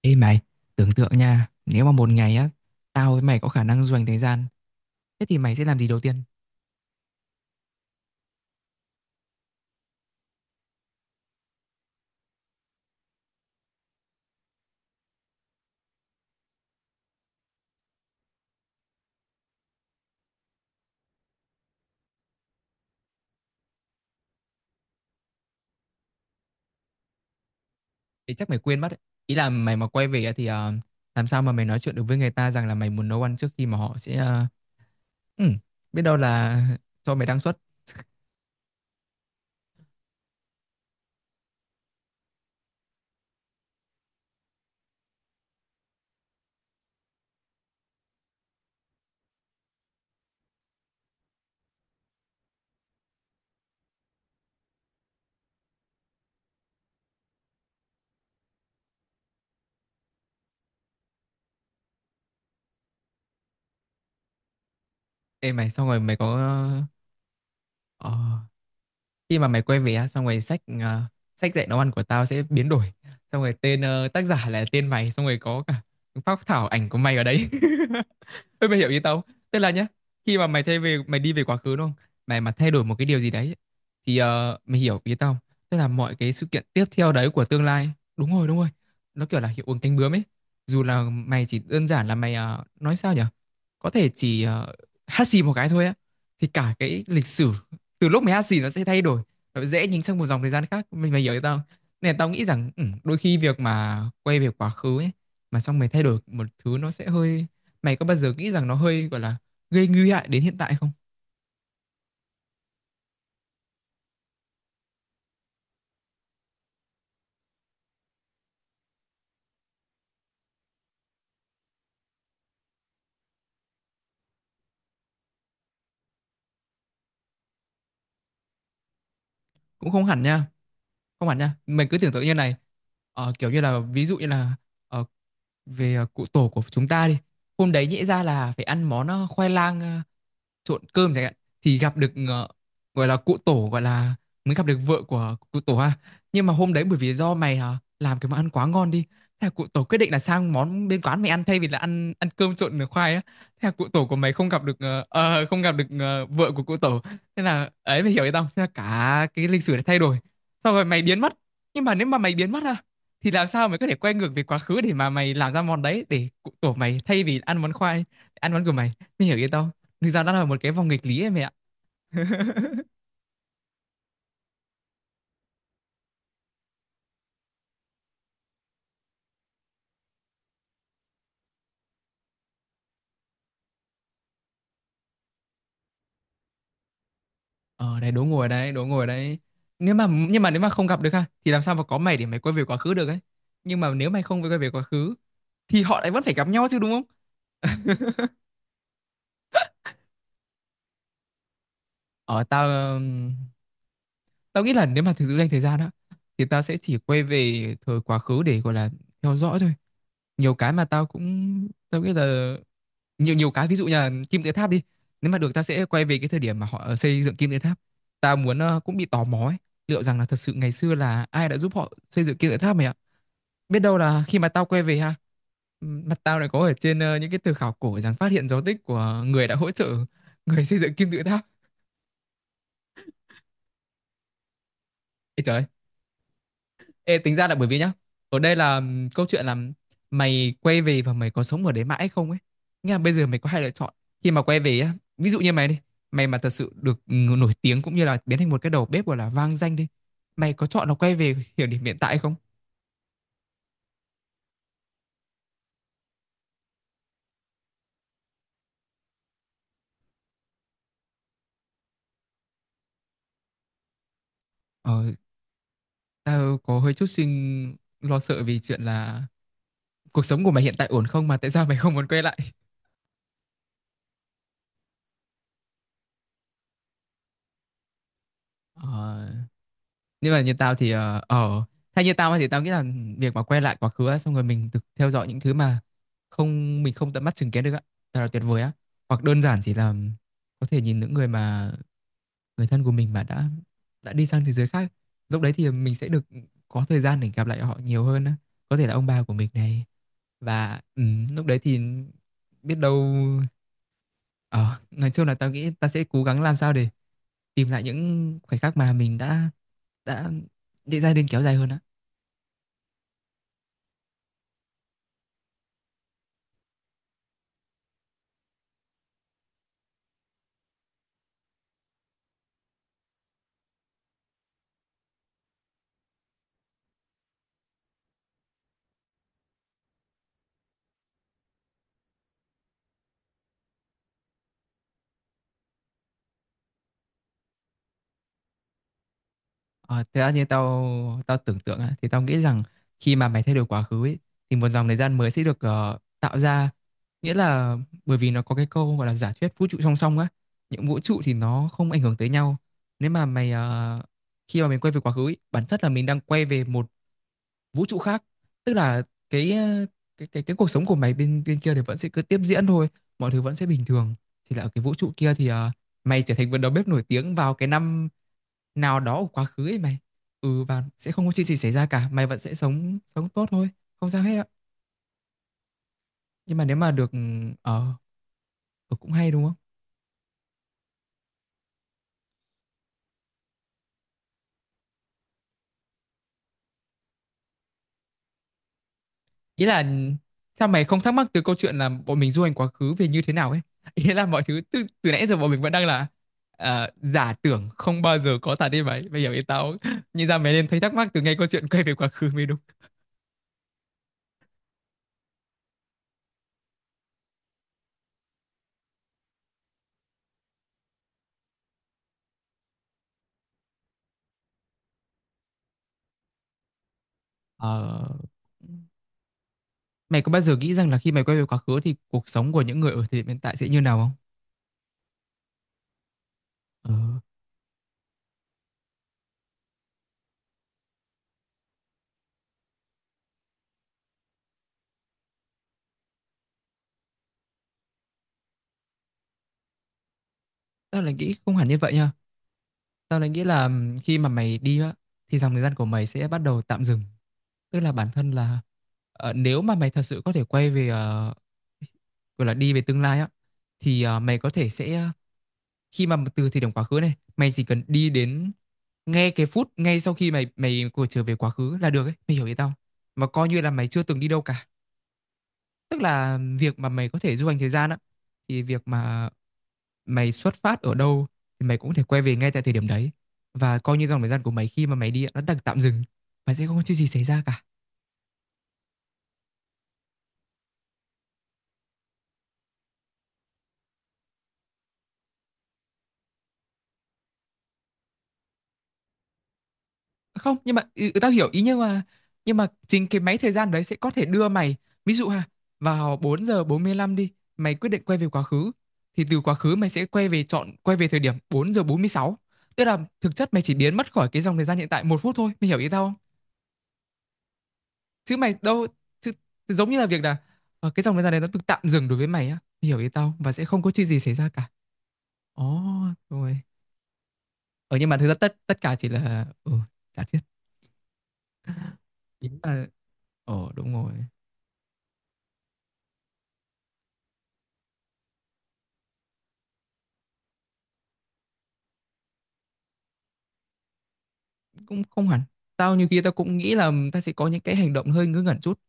Ê mày, tưởng tượng nha, nếu mà một ngày á, tao với mày có khả năng du hành thời gian, thế thì mày sẽ làm gì đầu tiên? Thì chắc mày quên mất ấy. Ý là mày mà quay về á thì làm sao mà mày nói chuyện được với người ta rằng là mày muốn nấu ăn trước khi mà họ sẽ... ừ, biết đâu là cho mày đăng xuất. Ê mày, xong rồi mày có... ờ, khi mà mày quay về á, xong rồi sách sách dạy nấu ăn của tao sẽ biến đổi, xong rồi tên tác giả là tên mày, xong rồi có cả phác thảo ảnh của mày ở đấy. Ê, mày hiểu ý tao không? Tức là nhá, khi mà mày thay về, mày đi về quá khứ đúng không, mày mà thay đổi một cái điều gì đấy thì mày hiểu ý tao không? Tức là mọi cái sự kiện tiếp theo đấy của tương lai, đúng rồi, đúng rồi, nó kiểu là hiệu ứng cánh bướm ấy. Dù là mày chỉ đơn giản là mày nói sao nhở, có thể chỉ hát xì một cái thôi á thì cả cái lịch sử từ lúc mày hát xì nó sẽ thay đổi, nó dễ nhính sang một dòng thời gian khác, mình mày hiểu tao không? Nên là tao nghĩ rằng đôi khi việc mà quay về quá khứ ấy mà xong mày thay đổi một thứ nó sẽ hơi, mày có bao giờ nghĩ rằng nó hơi gọi là gây nguy hại đến hiện tại không? Cũng không hẳn nha, không hẳn nha, mày cứ tưởng tượng như này. Ờ, kiểu như là ví dụ như là ờ, về cụ tổ của chúng ta đi, hôm đấy nhẽ ra là phải ăn món khoai lang trộn cơm chẳng hạn, thì gặp được gọi là cụ tổ, gọi là mới gặp được vợ của cụ tổ ha. Nhưng mà hôm đấy bởi vì do mày làm cái món ăn quá ngon đi, thế là cụ tổ quyết định là sang món bên quán mày ăn thay vì là ăn ăn cơm trộn khoai á, thế là cụ tổ của mày không gặp được không gặp được vợ của cụ tổ. Thế là ấy, mày hiểu ý tao không? Thế là cả cái lịch sử đã thay đổi, xong rồi mày biến mất. Nhưng mà nếu mà mày biến mất ha thì làm sao mày có thể quay ngược về quá khứ để mà mày làm ra món đấy để cụ tổ mày thay vì ăn món khoai ăn món của mày, mày hiểu ý tao không? Thực ra đã là một cái vòng nghịch lý em ạ. Ờ Đấy, đố ngồi ở đấy, đố ngồi ở đấy. Nếu mà, nhưng mà nếu mà không gặp được ha thì làm sao mà có mày để mày quay về quá khứ được ấy. Nhưng mà nếu mày không quay về quá khứ thì họ lại vẫn phải gặp nhau chứ đúng không? Ờ tao ừm, tao nghĩ là nếu mà thực sự dành thời gian đó thì tao sẽ chỉ quay về thời quá khứ để gọi là theo dõi thôi. Nhiều cái mà tao cũng tao nghĩ là, nhiều nhiều cái ví dụ như là kim tự tháp đi, nếu mà được tao sẽ quay về cái thời điểm mà họ xây dựng kim tự tháp. Tao muốn cũng bị tò mò ấy, liệu rằng là thật sự ngày xưa là ai đã giúp họ xây dựng kim tự tháp mày ạ. Biết đâu là khi mà tao quay về ha, mặt tao lại có ở trên những cái từ khảo cổ rằng phát hiện dấu tích của người đã hỗ trợ người xây dựng kim tự tháp. Ê trời! Ê, tính ra là bởi vì nhá, ở đây là câu chuyện là mày quay về và mày có sống ở đấy mãi không ấy, nghĩa là bây giờ mày có hai lựa chọn. Khi mà quay về á ví dụ như mày đi, mày mà thật sự được nổi tiếng cũng như là biến thành một cái đầu bếp gọi là vang danh đi, mày có chọn là quay về hiểu điểm hiện tại không? ờ Tao có hơi chút suy lo sợ vì chuyện là cuộc sống của mày hiện tại ổn không, mà tại sao mày không muốn quay lại? ờ nhưng mà như tao thì hay như tao thì tao nghĩ là việc mà quay lại quá khứ á, xong rồi mình được theo dõi những thứ mà không, mình không tận mắt chứng kiến được á, thật là tuyệt vời á. Hoặc đơn giản chỉ là có thể nhìn những người mà người thân của mình mà đã đi sang thế giới khác, lúc đấy thì mình sẽ được có thời gian để gặp lại họ nhiều hơn á, có thể là ông bà của mình này. Và lúc đấy thì biết đâu, ờ nói chung là tao nghĩ ta sẽ cố gắng làm sao để tìm lại những khoảnh khắc mà mình đã định ra nên kéo dài hơn á. Ờ, Thế ra như tao, tao tưởng tượng á thì tao nghĩ rằng khi mà mày thay đổi quá khứ ấy, thì một dòng thời gian mới sẽ được tạo ra, nghĩa là bởi vì nó có cái câu gọi là giả thuyết vũ trụ song song á, những vũ trụ thì nó không ảnh hưởng tới nhau. Nếu mà mày khi mà mình quay về quá khứ ấy, bản chất là mình đang quay về một vũ trụ khác, tức là cái cái cuộc sống của mày bên bên kia thì vẫn sẽ cứ tiếp diễn thôi, mọi thứ vẫn sẽ bình thường. Thì là ở cái vũ trụ kia thì mày trở thành một đầu bếp nổi tiếng vào cái năm nào đó của quá khứ ấy mày. Và sẽ không có chuyện gì xảy ra cả, mày vẫn sẽ sống sống tốt thôi, không sao hết ạ. Nhưng mà nếu mà được ở, cũng hay đúng không? Ý là sao mày không thắc mắc từ câu chuyện là bọn mình du hành quá khứ về như thế nào ấy? Ý là mọi thứ từ nãy giờ bọn mình vẫn đang là giả tưởng không bao giờ có thật đi mày. Bây giờ ý tao không? Nhìn ra mày nên thấy thắc mắc từ ngay câu chuyện quay về quá khứ mới đúng. Ờ, mày có bao giờ nghĩ rằng là khi mày quay về quá khứ thì cuộc sống của những người ở thời điểm hiện tại sẽ như nào không? Ờ, tao lại nghĩ không hẳn như vậy nha. Tao lại nghĩ là khi mà mày đi á thì dòng thời gian của mày sẽ bắt đầu tạm dừng, tức là bản thân là nếu mà mày thật sự có thể quay về gọi là đi về tương lai á thì mày có thể sẽ khi mà từ thời điểm quá khứ này mày chỉ cần đi đến ngay cái phút ngay sau khi mày mày của trở về quá khứ là được ấy, mày hiểu ý tao không? Mà coi như là mày chưa từng đi đâu cả, tức là việc mà mày có thể du hành thời gian á, thì việc mà mày xuất phát ở đâu thì mày cũng có thể quay về ngay tại thời điểm đấy, và coi như dòng thời gian của mày khi mà mày đi á, nó tạm tạm dừng và sẽ không có chuyện gì xảy ra cả. Không, nhưng mà tao hiểu ý, nhưng mà chính cái máy thời gian đấy sẽ có thể đưa mày, ví dụ ha, vào 4:45 đi, mày quyết định quay về quá khứ, thì từ quá khứ mày sẽ quay về chọn quay về thời điểm 4:46, tức là thực chất mày chỉ biến mất khỏi cái dòng thời gian hiện tại một phút thôi, mày hiểu ý tao không? Chứ mày đâu chứ, giống như là việc là cái dòng thời gian đấy nó tự tạm dừng đối với mày á, mày hiểu ý tao không? Và sẽ không có chuyện gì xảy ra cả. Ồ. Rồi. Ờ nhưng mà thực ra tất tất cả chỉ là, ừ, giả thuyết. Ý là, ờ, đúng rồi. Cũng không hẳn. Tao nhiều khi tao cũng nghĩ là tao sẽ có những cái hành động hơi ngớ ngẩn chút.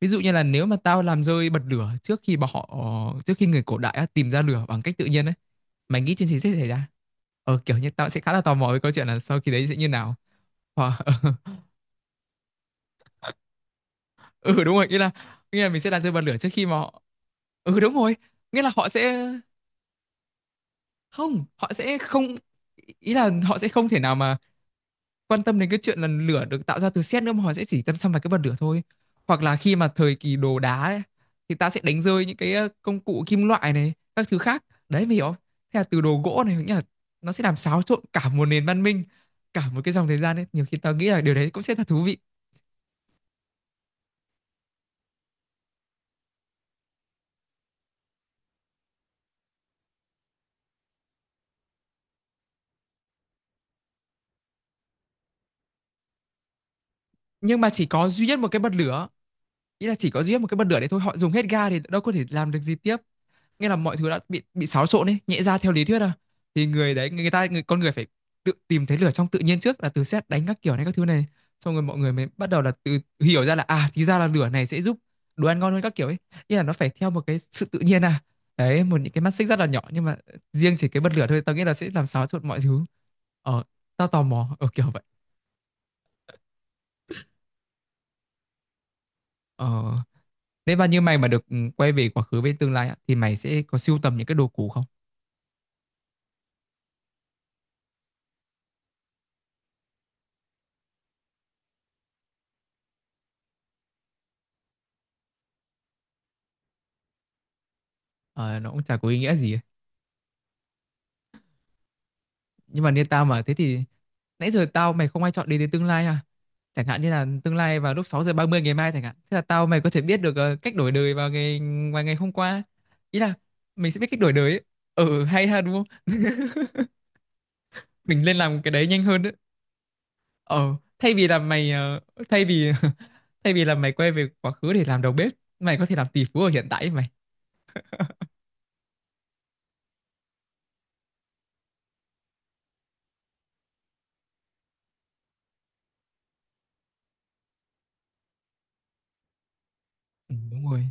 Ví dụ như là nếu mà tao làm rơi bật lửa trước khi bọn họ, trước khi người cổ đại á, tìm ra lửa bằng cách tự nhiên ấy. Mày nghĩ chuyện gì sẽ xảy ra? Kiểu như tao sẽ khá là tò mò với câu chuyện là sau khi đấy sẽ như nào. Hoặc ừ, đúng rồi, nghĩa là, nghĩa là mình sẽ làm rơi bật lửa trước khi mà họ. Ừ, đúng rồi, nghĩa là họ sẽ, không, họ sẽ không, ý là họ sẽ không thể nào mà quan tâm đến cái chuyện là lửa được tạo ra từ sét nữa, mà họ sẽ chỉ tâm chăm vào cái bật lửa thôi. Hoặc là khi mà thời kỳ đồ đá ấy, thì ta sẽ đánh rơi những cái, công cụ kim loại này các thứ khác đấy, mày hiểu không? Thế là từ đồ gỗ này, nghĩa là nó sẽ làm xáo trộn cả một nền văn minh, cả một cái dòng thời gian ấy. Nhiều khi tao nghĩ là điều đấy cũng sẽ thật thú vị. Nhưng mà chỉ có duy nhất một cái bật lửa, ý là chỉ có duy nhất một cái bật lửa đấy thôi, họ dùng hết ga thì đâu có thể làm được gì tiếp. Nghĩa là mọi thứ đã bị xáo trộn ấy, nhẽ ra theo lý thuyết à thì người đấy, người ta, người, con người phải tự tìm thấy lửa trong tự nhiên trước, là từ sét đánh các kiểu này các thứ này, xong rồi mọi người mới bắt đầu là tự hiểu ra là à, thì ra là lửa này sẽ giúp đồ ăn ngon hơn các kiểu ấy. Nghĩa là nó phải theo một cái sự tự nhiên à. Đấy, một những cái mắt xích rất là nhỏ nhưng mà riêng chỉ cái bật lửa thôi tao nghĩ là sẽ làm xáo trộn mọi thứ. Ờ, tao tò mò ở kiểu vậy. ờ Nếu mà như mày mà được, ừ, quay về quá khứ với tương lai á, thì mày sẽ có sưu tầm những cái đồ cũ không? Ờ, nó cũng chả có ý nghĩa gì ấy. Nhưng mà như tao mà thế thì nãy giờ tao mày không ai chọn đến đến tương lai à? Chẳng hạn như là tương lai vào lúc 6 giờ 30 ngày mai chẳng hạn, thế là tao mày có thể biết được, ờ, cách đổi đời vào ngày, vào ngày hôm qua. Ý là mình sẽ biết cách đổi đời ấy. Ừ, hay ha, đúng không? Mình nên làm cái đấy nhanh hơn đấy. Ờ Thay vì là mày, ờ, thay vì thay vì là mày quay về quá khứ để làm đầu bếp, mày có thể làm tỷ phú ở hiện tại ấy mày. Ừ, đúng rồi.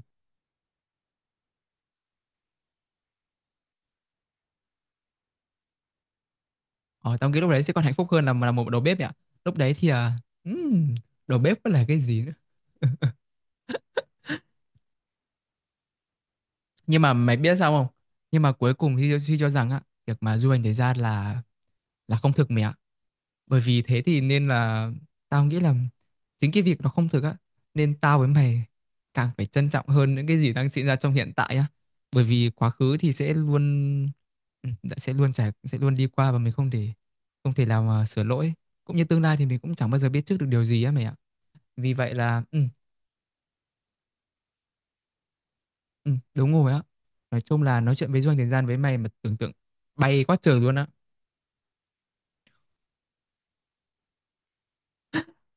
Ờ Tao nghĩ lúc đấy sẽ còn hạnh phúc hơn là một đầu bếp ấy ạ. Lúc đấy thì à, ừm, đầu bếp có là cái gì. Nhưng mà mày biết sao không, nhưng mà cuối cùng thì suy cho rằng á, việc mà du hành thế gian là không thực mẹ ạ. Bởi vì thế thì nên là tao nghĩ là chính cái việc nó không thực á, nên tao với mày càng phải trân trọng hơn những cái gì đang diễn ra trong hiện tại á. Bởi vì quá khứ thì sẽ luôn, ừ, sẽ luôn trải, sẽ luôn đi qua và mình không thể, không thể nào mà sửa lỗi, cũng như tương lai thì mình cũng chẳng bao giờ biết trước được điều gì á mày ạ. Vì vậy là, ừ, đúng rồi á. Nói chung là nói chuyện với du hành thời gian với mày mà tưởng tượng bay quá trời luôn á.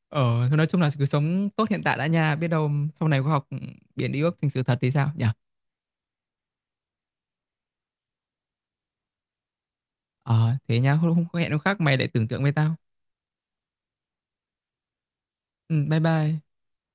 Ờ, thôi nói chung là cứ sống tốt hiện tại đã nha, biết đâu sau này khoa học biến đi ước thành sự thật thì sao nhỉ? Ờ, thế nha, hôm, hôm hẹn hôm khác mày lại tưởng tượng với tao. Ừ, bye bye.